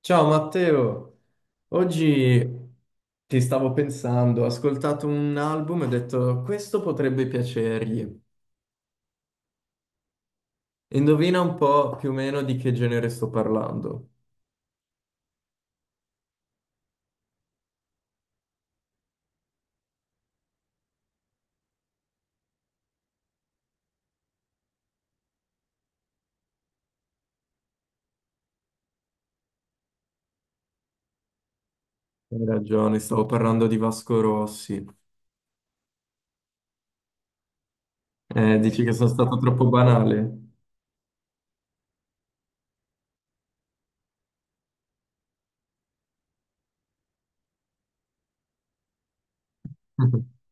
Ciao Matteo, oggi ti stavo pensando, ho ascoltato un album e ho detto questo potrebbe piacergli. Indovina un po' più o meno di che genere sto parlando. Hai ragione, stavo parlando di Vasco Rossi. Dici che sono stato troppo banale?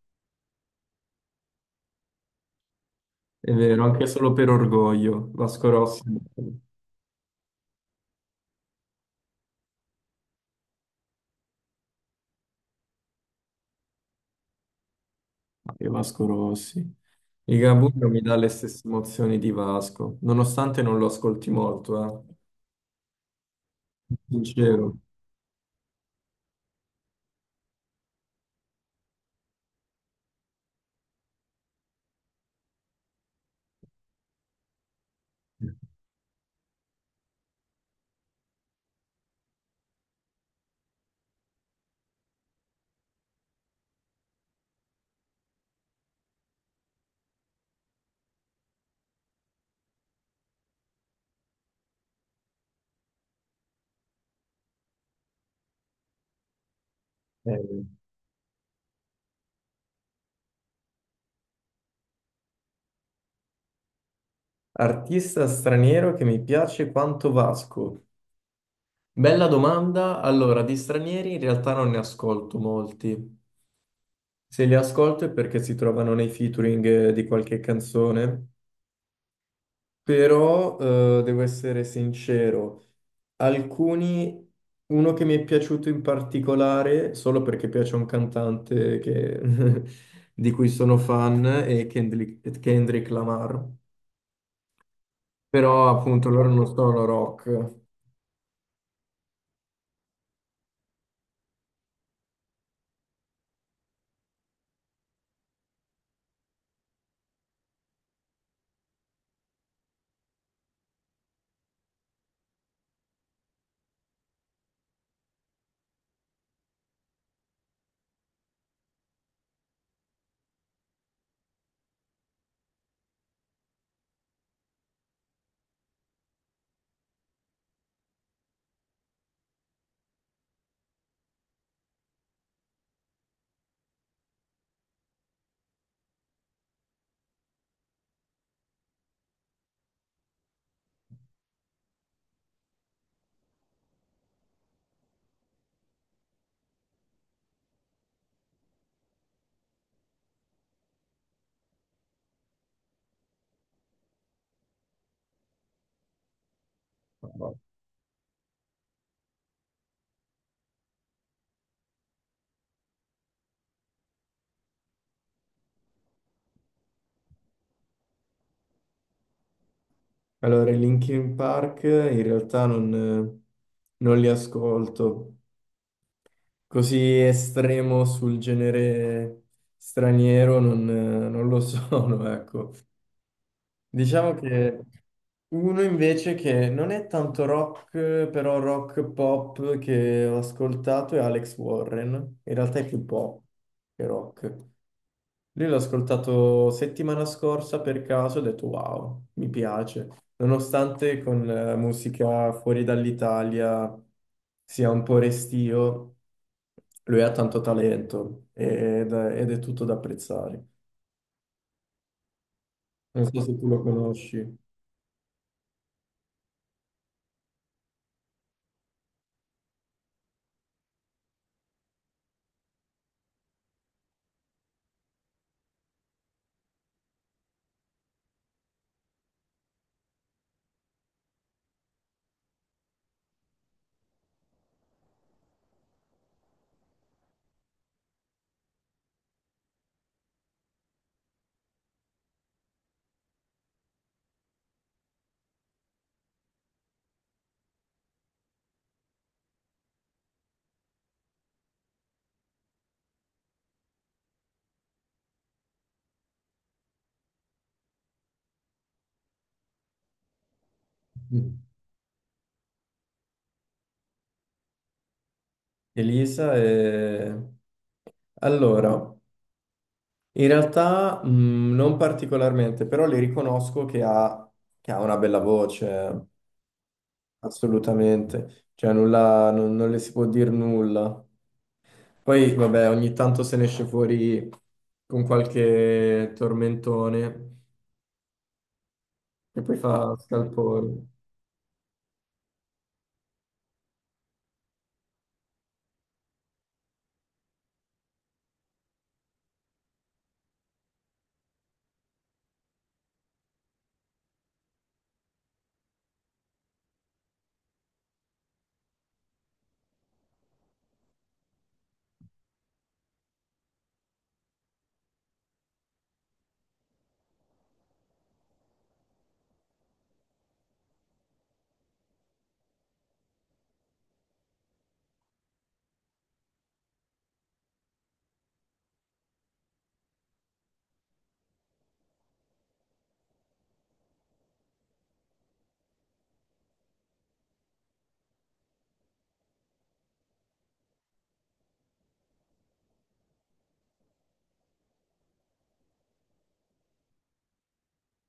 È vero, anche solo per orgoglio. Vasco Rossi. Ah, che Vasco Rossi. Il Gabugno mi dà le stesse emozioni di Vasco, nonostante non lo ascolti molto, Sincero. Eh, Artista straniero che mi piace quanto Vasco. Bella domanda. Allora, di stranieri in realtà non ne ascolto molti. Se li ascolto è perché si trovano nei featuring di qualche canzone. Però, devo essere sincero, alcuni... Uno che mi è piaciuto in particolare, solo perché piace a di cui sono fan, è Kendrick Lamar. Però appunto loro non sono rock. Allora, i Linkin Park in realtà non li ascolto. Così estremo sul genere straniero non lo sono, ecco. Diciamo che uno invece che non è tanto rock, però rock pop che ho ascoltato è Alex Warren. In realtà è più pop che rock. Lui l'ho ascoltato settimana scorsa per caso e ho detto wow, mi piace. Nonostante con musica fuori dall'Italia sia un po' restio, lui ha tanto talento ed è tutto da apprezzare. Non so se tu lo conosci. Mm. Elisa. Allora, in realtà non particolarmente, però le riconosco che ha una bella voce. Assolutamente, cioè nulla, non le si può dire nulla. Poi, vabbè, ogni tanto se ne esce fuori con qualche tormentone e poi fa scalpore.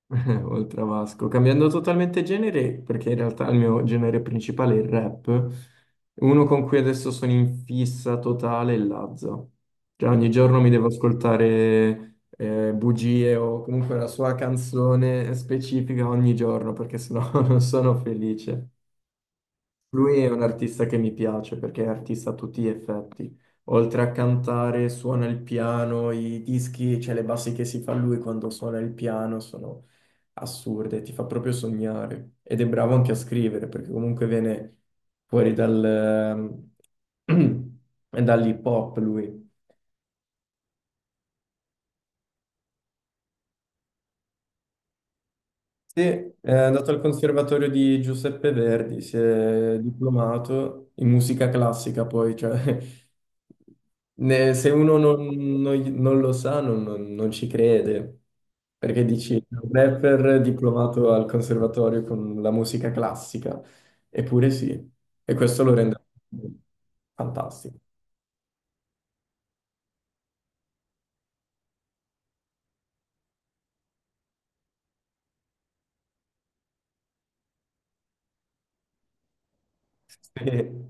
Oltre a Vasco, cambiando totalmente genere, perché in realtà il mio genere principale è il rap, uno con cui adesso sono in fissa totale è Lazza. Cioè ogni giorno mi devo ascoltare bugie o comunque la sua canzone specifica ogni giorno, perché sennò non sono felice. Lui è un artista che mi piace perché è artista a tutti gli effetti. Oltre a cantare, suona il piano, i dischi, cioè le bassi che si fa lui quando suona il piano sono assurde, ti fa proprio sognare. Ed è bravo anche a scrivere perché comunque viene fuori dal, ehm, dall'hip hop lui. Sì, è andato al Conservatorio di Giuseppe Verdi, si è diplomato in musica classica, poi, cioè, se uno non lo sa, non ci crede, perché dici, un rapper diplomato al Conservatorio con la musica classica, eppure sì, e questo lo rende fantastico. Sì.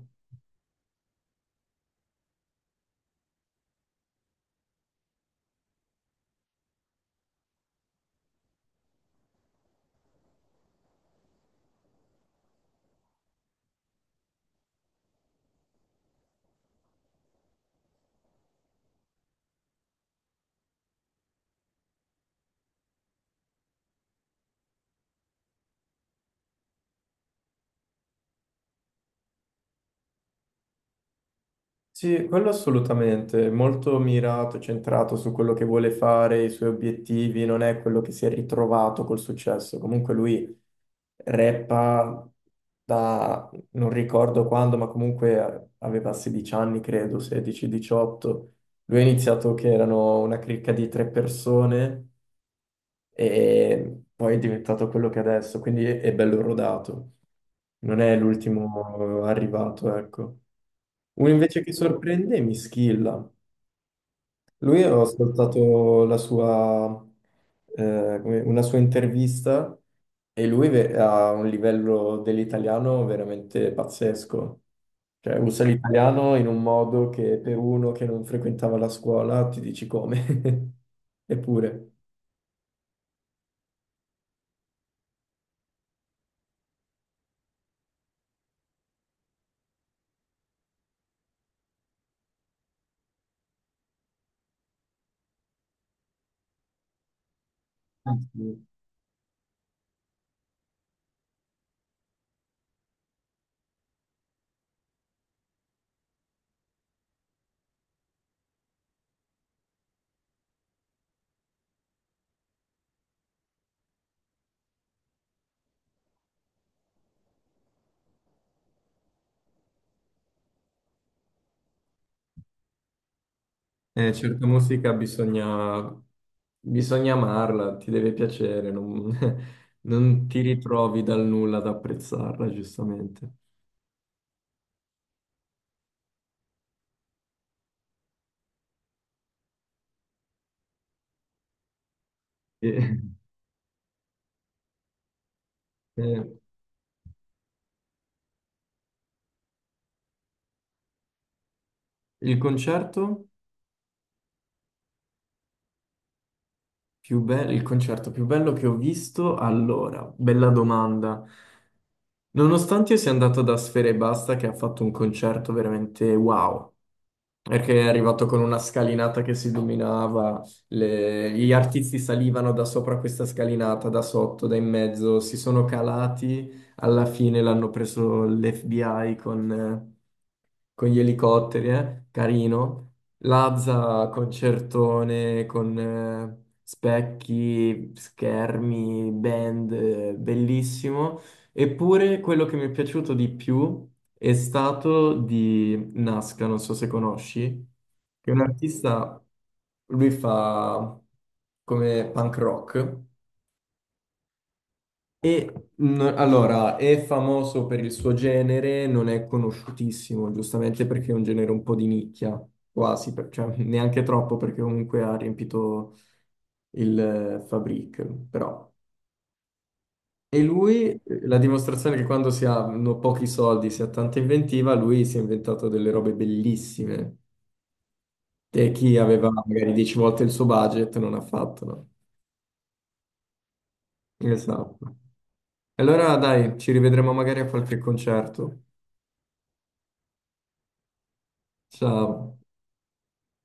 Sì, quello assolutamente, molto mirato, centrato su quello che vuole fare, i suoi obiettivi, non è quello che si è ritrovato col successo. Comunque lui rappa da, non ricordo quando, ma comunque aveva 16 anni, credo, 16-18. Lui ha iniziato che erano una cricca di 3 persone e poi è diventato quello che è adesso, quindi è bello rodato, non è l'ultimo arrivato, ecco. Uno invece che sorprende è Mischilla. Lui ho ascoltato la sua, come- una sua intervista e lui ha un livello dell'italiano veramente pazzesco. Cioè, usa l'italiano in un modo che per uno che non frequentava la scuola ti dici come. Eppure, certa musica bisogna, bisogna amarla, ti deve piacere, non, non ti ritrovi dal nulla ad apprezzarla, giustamente. E- eh, Il concerto più bello, il concerto più bello che ho visto? Allora, bella domanda. Nonostante io sia andato da Sfera Basta che ha fatto un concerto veramente wow, perché è arrivato con una scalinata che si dominava, gli artisti salivano da sopra questa scalinata, da sotto, da in mezzo, si sono calati, alla fine l'hanno preso l'FBI con gli elicotteri, eh? Carino. Lazza, concertone, con specchi, schermi, band, bellissimo. Eppure quello che mi è piaciuto di più è stato di Nasca, non so se conosci, che è un artista, lui fa come punk rock e allora, è famoso per il suo genere, non è conosciutissimo, giustamente perché è un genere un po' di nicchia, quasi, cioè neanche troppo perché comunque ha riempito il Fabric, però. E lui, la dimostrazione che quando si hanno pochi soldi, si ha tanta inventiva, lui si è inventato delle robe bellissime che chi aveva magari 10 volte il suo budget non ha fatto, no? Esatto. Allora dai, ci rivedremo magari a qualche concerto. Ciao.